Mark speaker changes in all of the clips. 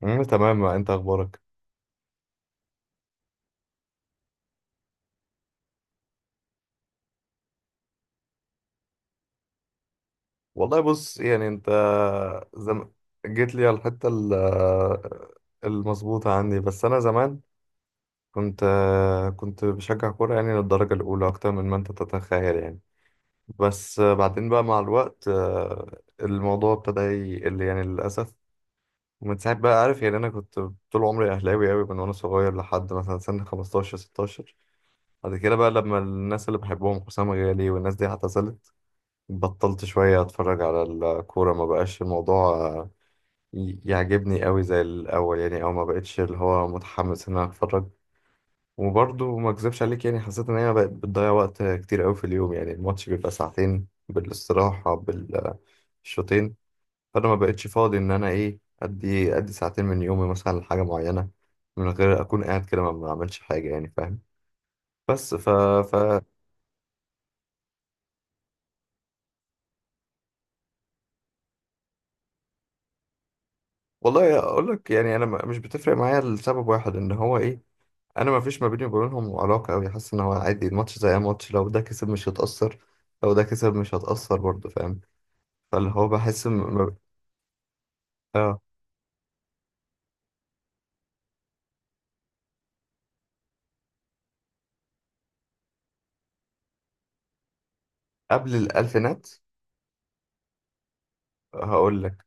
Speaker 1: مم، تمام. انت اخبارك؟ والله بص يعني انت زم... جيت لي على الحته المظبوطه عندي. بس انا زمان كنت كنت بشجع كوره يعني للدرجه الاولى اكتر من ما انت تتخيل يعني. بس بعدين بقى مع الوقت الموضوع ابتدى يقل يعني للاسف. ومن ساعه بقى، عارف يعني، انا كنت طول عمري اهلاوي قوي من وانا صغير لحد مثلا سن 15 16. بعد كده بقى لما الناس اللي بحبهم حسام غالي والناس دي اعتزلت، بطلت شوية أتفرج على الكورة. ما بقاش الموضوع يعجبني قوي زي الأول يعني، أو ما بقتش اللي هو متحمس إن أنا أتفرج. وبرضه ما أكذبش عليك، يعني حسيت إن هي بقت بتضيع وقت كتير قوي في اليوم. يعني الماتش بيبقى ساعتين بالاستراحة بالشوطين، فأنا ما بقتش فاضي إن أنا إيه أدي ساعتين من يومي مثلا لحاجة معينة من غير أكون قاعد كده ما بعملش حاجة، يعني فاهم؟ بس ف ف والله أقول لك، يعني أنا مش بتفرق معايا لسبب واحد، إن هو إيه، انا ما فيش ما بيني وبينهم علاقه قوي. حاسس ان هو عادي، الماتش زي اي ماتش، لو ده كسب مش هتاثر، لو ده كسب مش هتاثر برضه، فاهم؟ فاللي هو بحس م- اه. قبل الالفينات، هقول لك.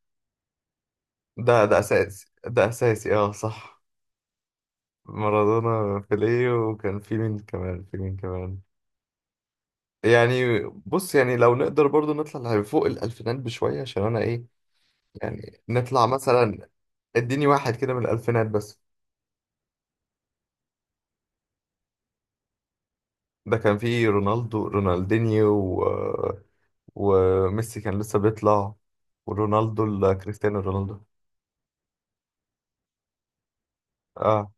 Speaker 1: ده اساسي، ده اساسي، اه صح. مارادونا، بيليه، وكان في مين كمان؟ في مين كمان يعني؟ بص يعني لو نقدر برضه نطلع فوق الالفينات بشويه عشان انا ايه. يعني نطلع مثلا، اديني واحد كده من الالفينات بس. ده كان فيه رونالدو، رونالدينيو. وميسي كان لسه بيطلع. ورونالدو كريستيانو رونالدو. اه،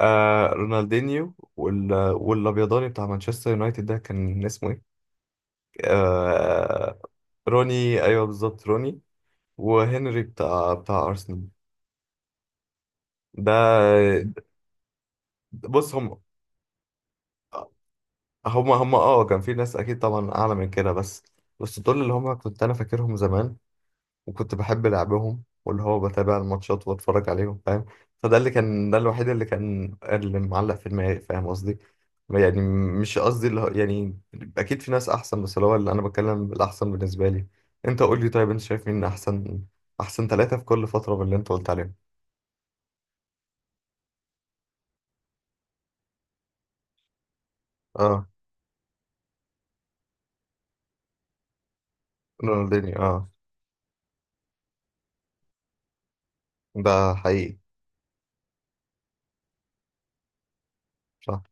Speaker 1: آه رونالدينيو والابيضاني بتاع مانشستر يونايتد، ده كان اسمه ايه؟ آه، روني. ايوه بالظبط، روني. وهنري بتاع ارسنال. ده، بص، هم، اه كان في ناس اكيد طبعا اعلى من كده، بس دول اللي هم كنت انا فاكرهم زمان، وكنت بحب لعبهم، واللي هو بتابع الماتشات واتفرج عليهم، فاهم؟ فده اللي كان، ده الوحيد اللي كان، اللي معلق في دماغي، فاهم قصدي يعني. مش قصدي اللي هو يعني، اكيد في ناس احسن، بس اللي هو اللي انا بتكلم بالاحسن بالنسبه لي. انت قول لي طيب، انت شايف مين احسن؟ احسن ثلاثه في كل فتره باللي انت قلت عليهم. اه، رونالدينيو، اه، ده حقيقي. صح.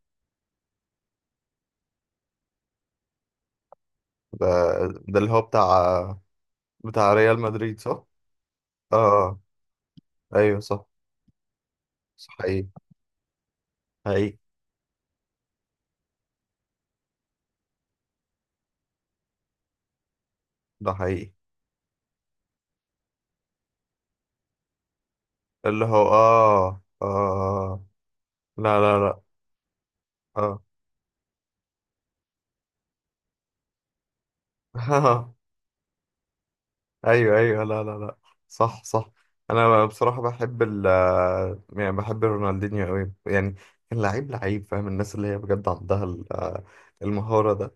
Speaker 1: ده ده اللي هو بتاع ريال مدريد صح. اه آه. ايوه صح. صح. حقيقي. حقيقي. ده حقيقي. اللي هو، لا لا لا. آه. أيوه أيوه، لا لا لا، صح صح. أنا بصراحة بحب ال، يعني بحب رونالدينيو أوي يعني. كان لعيب، لعيب، فاهم؟ الناس اللي هي بجد عندها المهارة ده.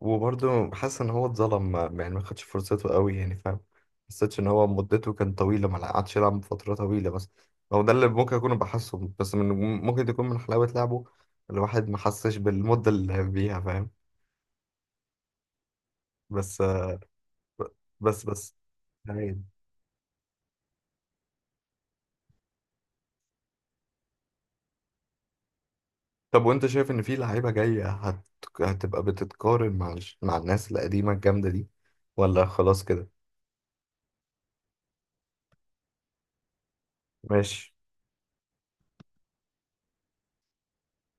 Speaker 1: وبرضه حاسس إن هو اتظلم يعني، ما خدش فرصته أوي يعني، فاهم؟ حسيتش إن هو مدته كانت طويلة، ما قعدش يلعب فترة طويلة. بس هو ده اللي ممكن أكون بحسه، بس من، ممكن يكون من حلاوة لعبه الواحد ما حسش بالمدة اللي لعب بيها، فاهم؟ بس بس تمام. طب وانت شايف ان في لعيبه جايه هتبقى بتتقارن مع مع الناس القديمه الجامده دي ولا خلاص كده؟ ماشي.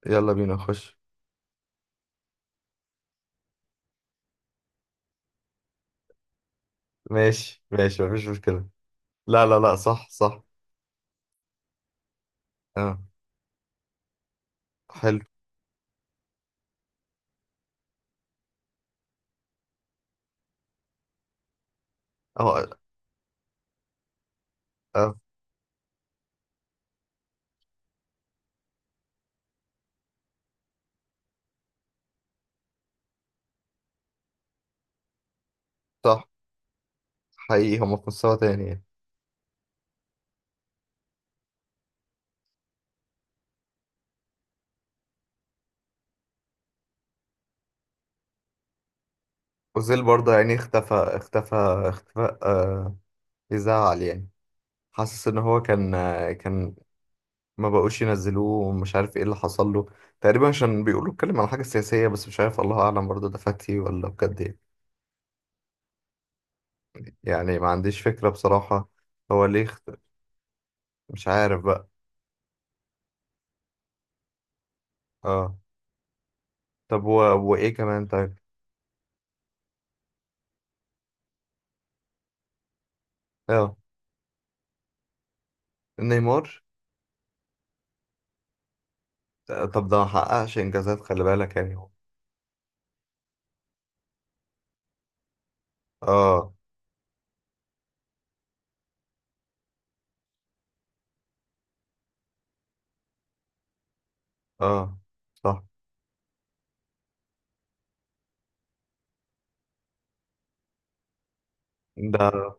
Speaker 1: يلا بينا نخش. ماشي ماشي، مفيش مشكله. لا لا لا، صح صح. اه حلو. اه اه صح، حقيقي. هم في مستوى تاني يعني. اوزيل برضه يعني اختفى، اختفى، اختفى. آه يزعل يعني. حاسس ان هو كان كان ما بقوش ينزلوه ومش عارف ايه اللي حصل له. تقريبا عشان بيقولوا اتكلم على حاجة سياسية، بس مش عارف، الله اعلم، برضه ده فاتي ولا بجد ايه يعني، ما عنديش فكرة بصراحة. هو ليه مش عارف بقى. اه. طب وايه كمان طيب. اه نيمار. طب ده ما حققش انجازات، خلي بالك يعني، هو. اه اه صح. ده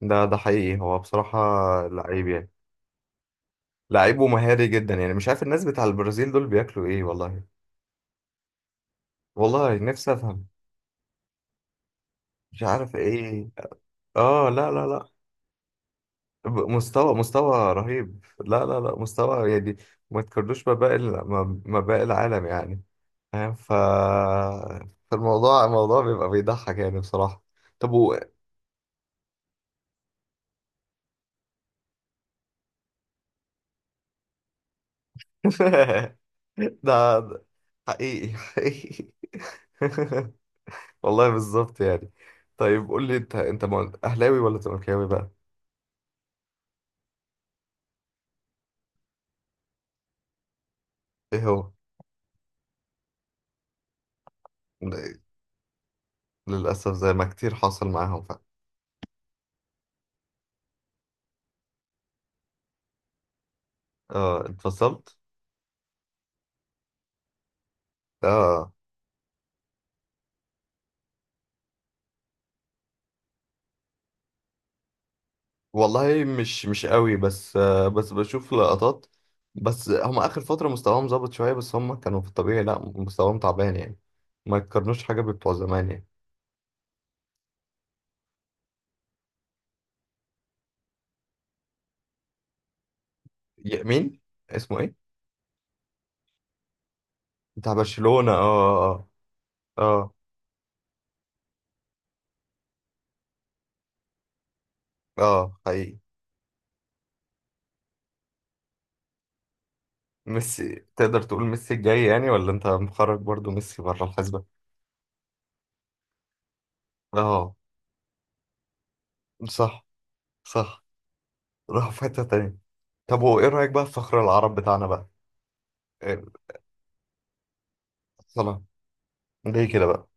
Speaker 1: ده حقيقي، هو بصراحة لعيب يعني، لعيب ومهاري جدا يعني. مش عارف الناس بتاع البرازيل دول بياكلوا ايه، والله. والله نفسي افهم. مش عارف ايه. اه لا لا لا. مستوى رهيب. لا لا لا، مستوى يعني ما تقارنوش ما باقي ما باقي العالم يعني. فاهم؟ فالموضوع، الموضوع بيبقى بيضحك يعني بصراحة. طب ده حقيقي، حقيقي. والله بالظبط يعني. طيب قول لي انت اهلاوي ولا زملكاوي بقى؟ ايه هو؟ للاسف زي ما كتير حصل معاهم اه اتفصلت. اه. والله مش قوي بس بس بشوف لقطات. بس هم اخر فتره مستواهم ظبط شويه، بس هم كانوا في الطبيعي لا، مستواهم تعبان يعني، ما يتقارنوش حاجه ببتوع زمان يعني. مين؟ اسمه ايه؟ بتاع برشلونه، اه اه اه، اه حقيقي. ميسي تقدر تقول ميسي الجاي يعني، ولا انت مخرج برضو ميسي بره الحسبه؟ اه صح صح. راح في حته تانيه. طب وايه رايك بقى في فخر العرب بتاعنا بقى؟ إيه، صلاح؟ ليه كده بقى؟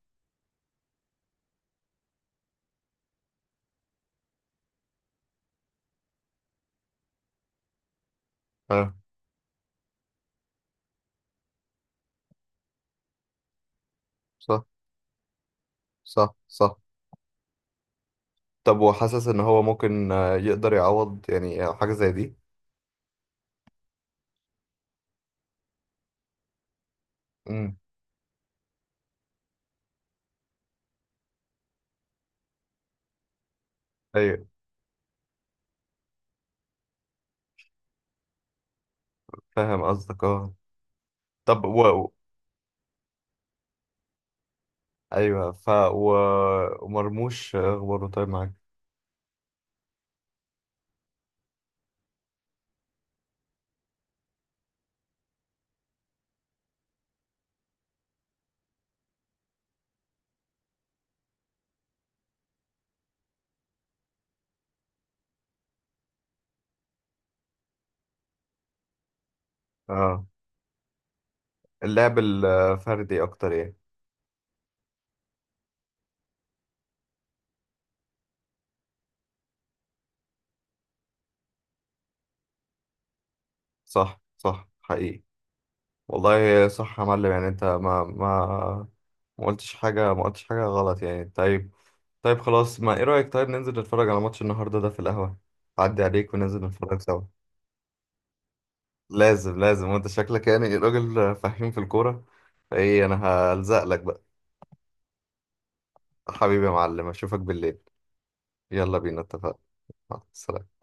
Speaker 1: اه صح صح صح. طب وحاسس ان هو ممكن يقدر يعوض يعني حاجة زي دي؟ امم، ايوه، فاهم قصدك اه. طب ايوه. ومرموش اخباره طيب معاك؟ اه اللعب الفردي اكتر يعني. صح صح حقيقي. والله صح يا معلم. يعني انت ما قلتش حاجة، ما قلتش حاجة غلط يعني. طيب. طيب خلاص ما، ايه رأيك، طيب ننزل نتفرج على ماتش النهاردة ده في القهوة؟ عدي عليك وننزل نتفرج سوا. لازم لازم. وانت شكلك يعني راجل فاهم في الكورة. ايه انا هلزق لك بقى. حبيبي يا معلم، اشوفك بالليل. يلا بينا، اتفقنا. مع السلامة.